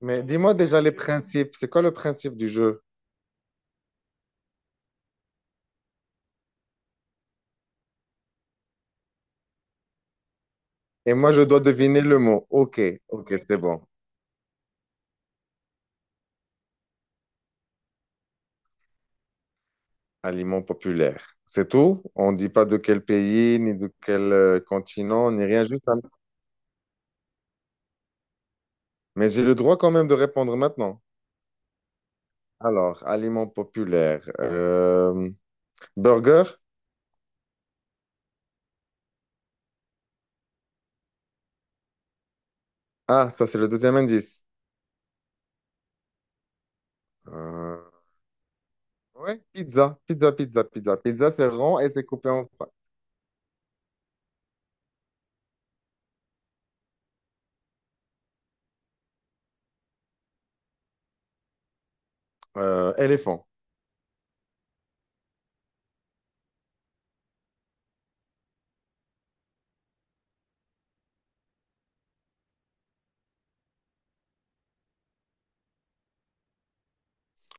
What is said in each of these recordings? Mais dis-moi déjà les principes. C'est quoi le principe du jeu? Et moi, je dois deviner le mot. OK, OK, c'est bon. Aliment populaire. C'est tout? On ne dit pas de quel pays, ni de quel continent, ni rien, juste un- Mais j'ai le droit quand même de répondre maintenant. Alors, aliment populaire. Burger? Ah, ça, c'est le deuxième indice. Euh, ouais, pizza, pizza, pizza, pizza. Pizza, c'est rond et c'est coupé en... éléphant.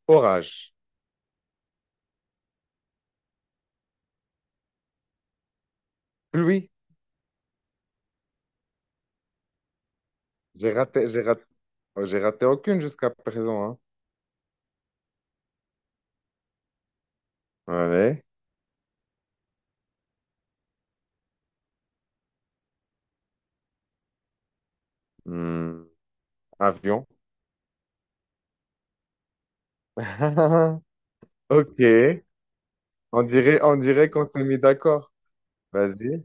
Orage. Pluie. J'ai raté. Oh, j'ai raté aucune jusqu'à présent, hein. Allez. Hmm, avion. Ok. On dirait qu'on s'est mis d'accord. Vas-y.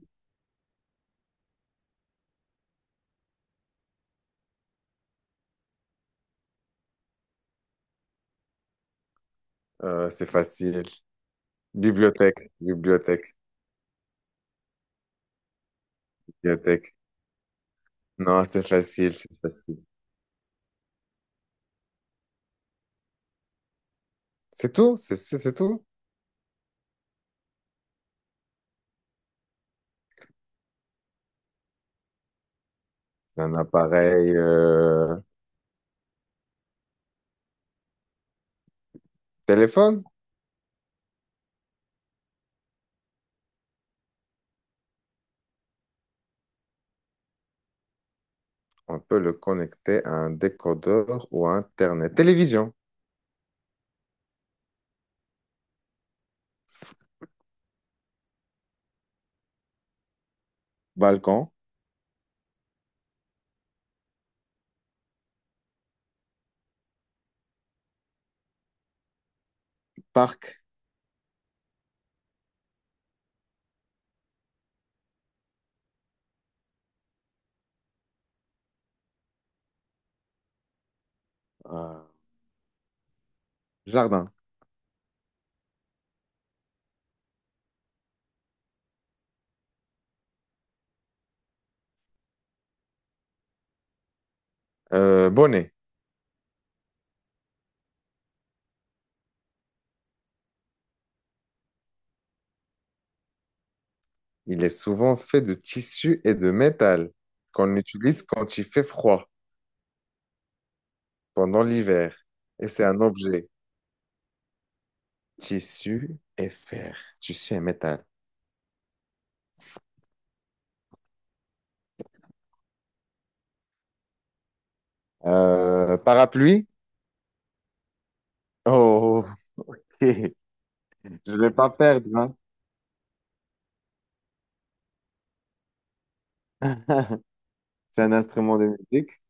C'est facile. Bibliothèque, bibliothèque, bibliothèque. Non, c'est facile, c'est facile. C'est tout? C'est tout? Un appareil téléphone? On peut le connecter à un décodeur ou à Internet. Télévision, balcon, parc, euh, jardin, bonnet. Il est souvent fait de tissu et de métal qu'on utilise quand il fait froid pendant l'hiver. Et c'est un objet. Tissu et fer. Tissu et métal. Parapluie? Oh, ok. Je vais pas perdre, hein. C'est un instrument de musique.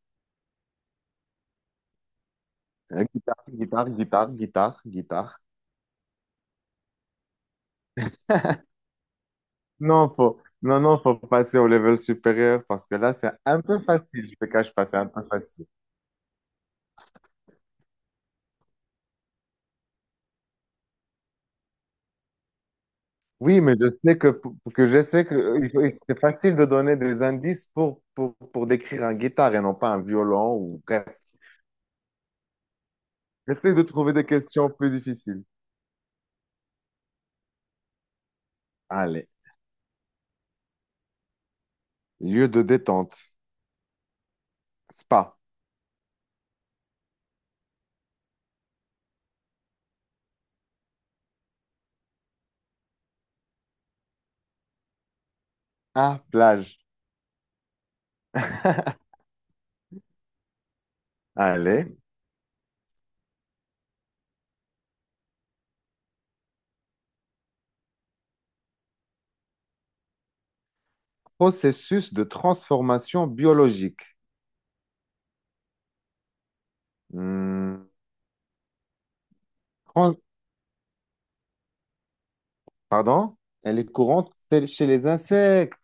Guitare, guitare, guitare, guitare, guitare. Non, faut, non, non, faut passer au level supérieur parce que là, c'est un peu facile. Je te cache pas, c'est un peu facile. Oui, mais je sais que je sais que il faut- c'est facile de donner des indices pour décrire un guitare et non pas un violon ou bref. J'essaie de trouver des questions plus difficiles. Allez, lieu de détente, spa, ah, plage. Allez, processus de transformation biologique. Hmm, tran- Pardon? Elle est courante chez les insectes.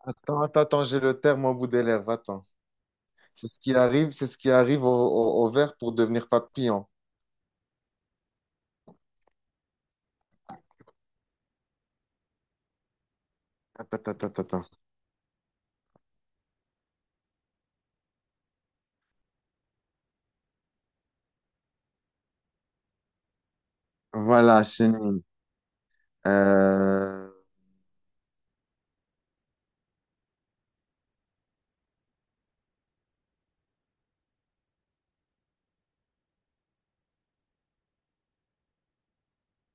Attends, attends, attends, j'ai le terme au bout des lèvres. Attends. C'est ce qui arrive au ver pour devenir papillon. Attends, attends, attends, attends. Voilà, chenille. Euh...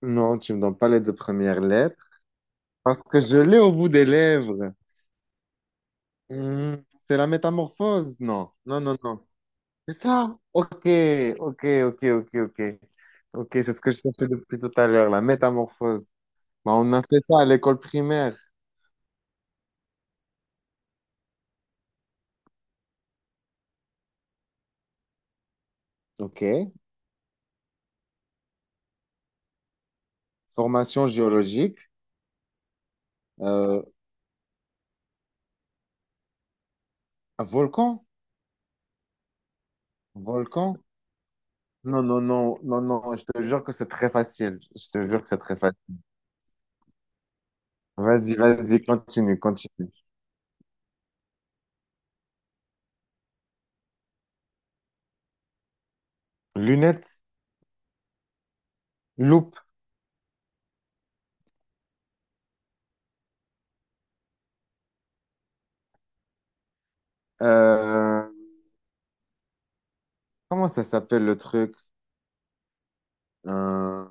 Non, tu me donnes pas les deux premières lettres. Parce que je l'ai au bout des lèvres. Hmm, c'est la métamorphose? Non, non, non, non. C'est ça? Ok, ok, ok, ok, ok. Ok, c'est ce que je cherchais depuis tout à l'heure, la métamorphose. Bah, on a fait ça à l'école primaire. Ok. Formation géologique. Euh, un volcan? Volcan? Non, non, non, non, non. Je te jure que c'est très facile. Je te jure que c'est très facile. Vas-y, vas-y, continue, continue. Lunettes, loupe. euh, comment ça s'appelle le truc? Un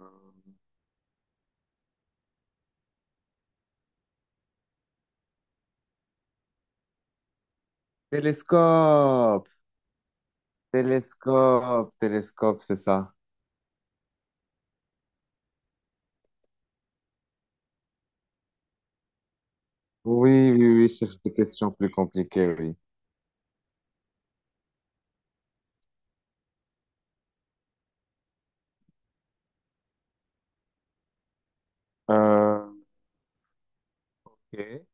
télescope, télescope, télescope, c'est ça. Oui, oui, oui, je cherche des questions plus compliquées, oui. Euh, ok.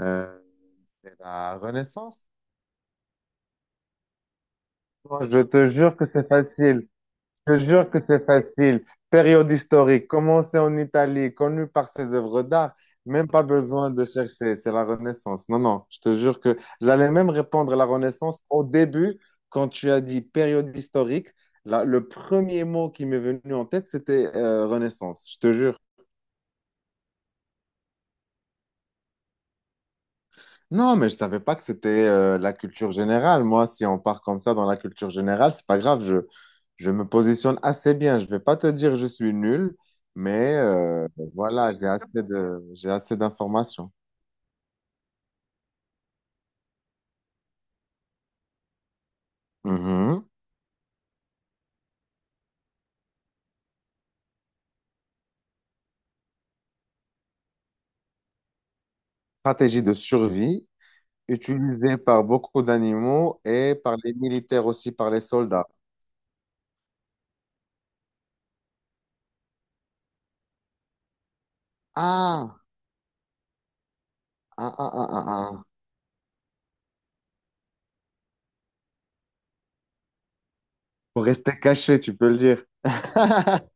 Euh, c'est la Renaissance? Moi, je te jure que c'est facile. Je jure que c'est facile. Période historique, commencée en Italie, connue par ses œuvres d'art. Même pas besoin de chercher, c'est la Renaissance. Non, non, je te jure que j'allais même répondre à la Renaissance au début, quand tu as dit période historique. Là, le premier mot qui m'est venu en tête, c'était Renaissance, je te jure. Non, mais je savais pas que c'était la culture générale. Moi, si on part comme ça dans la culture générale, c'est pas grave. Je me positionne assez bien. Je vais pas te dire je suis nul, mais voilà, j'ai assez d'informations. Mhm. Stratégie de survie utilisée par beaucoup d'animaux et par les militaires aussi, par les soldats. Ah, ah, ah, ah, ah, ah. Pour rester caché, tu peux le dire.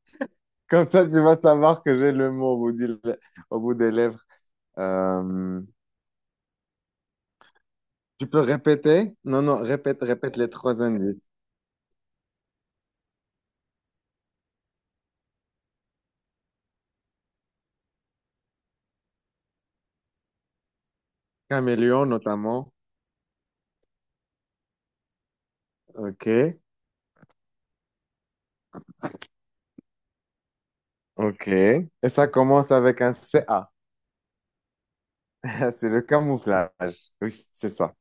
Comme ça, tu vas savoir que j'ai le mot au bout des lèvres. Euh, tu peux répéter? Non, non, répète, répète les trois indices. Caméléon notamment. OK, OK. Et ça commence avec un C. CA. C'est le camouflage. Oui, c'est ça.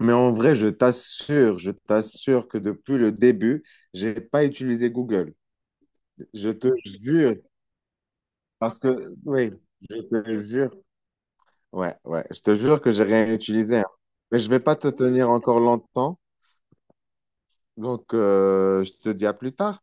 Mais en vrai, je t'assure que depuis le début, j'ai pas utilisé Google. Je te jure, parce que, oui, je te jure. Ouais, ouais, je te jure que j'ai rien utilisé, hein. Mais je vais pas te tenir encore longtemps. Donc, je te dis à plus tard.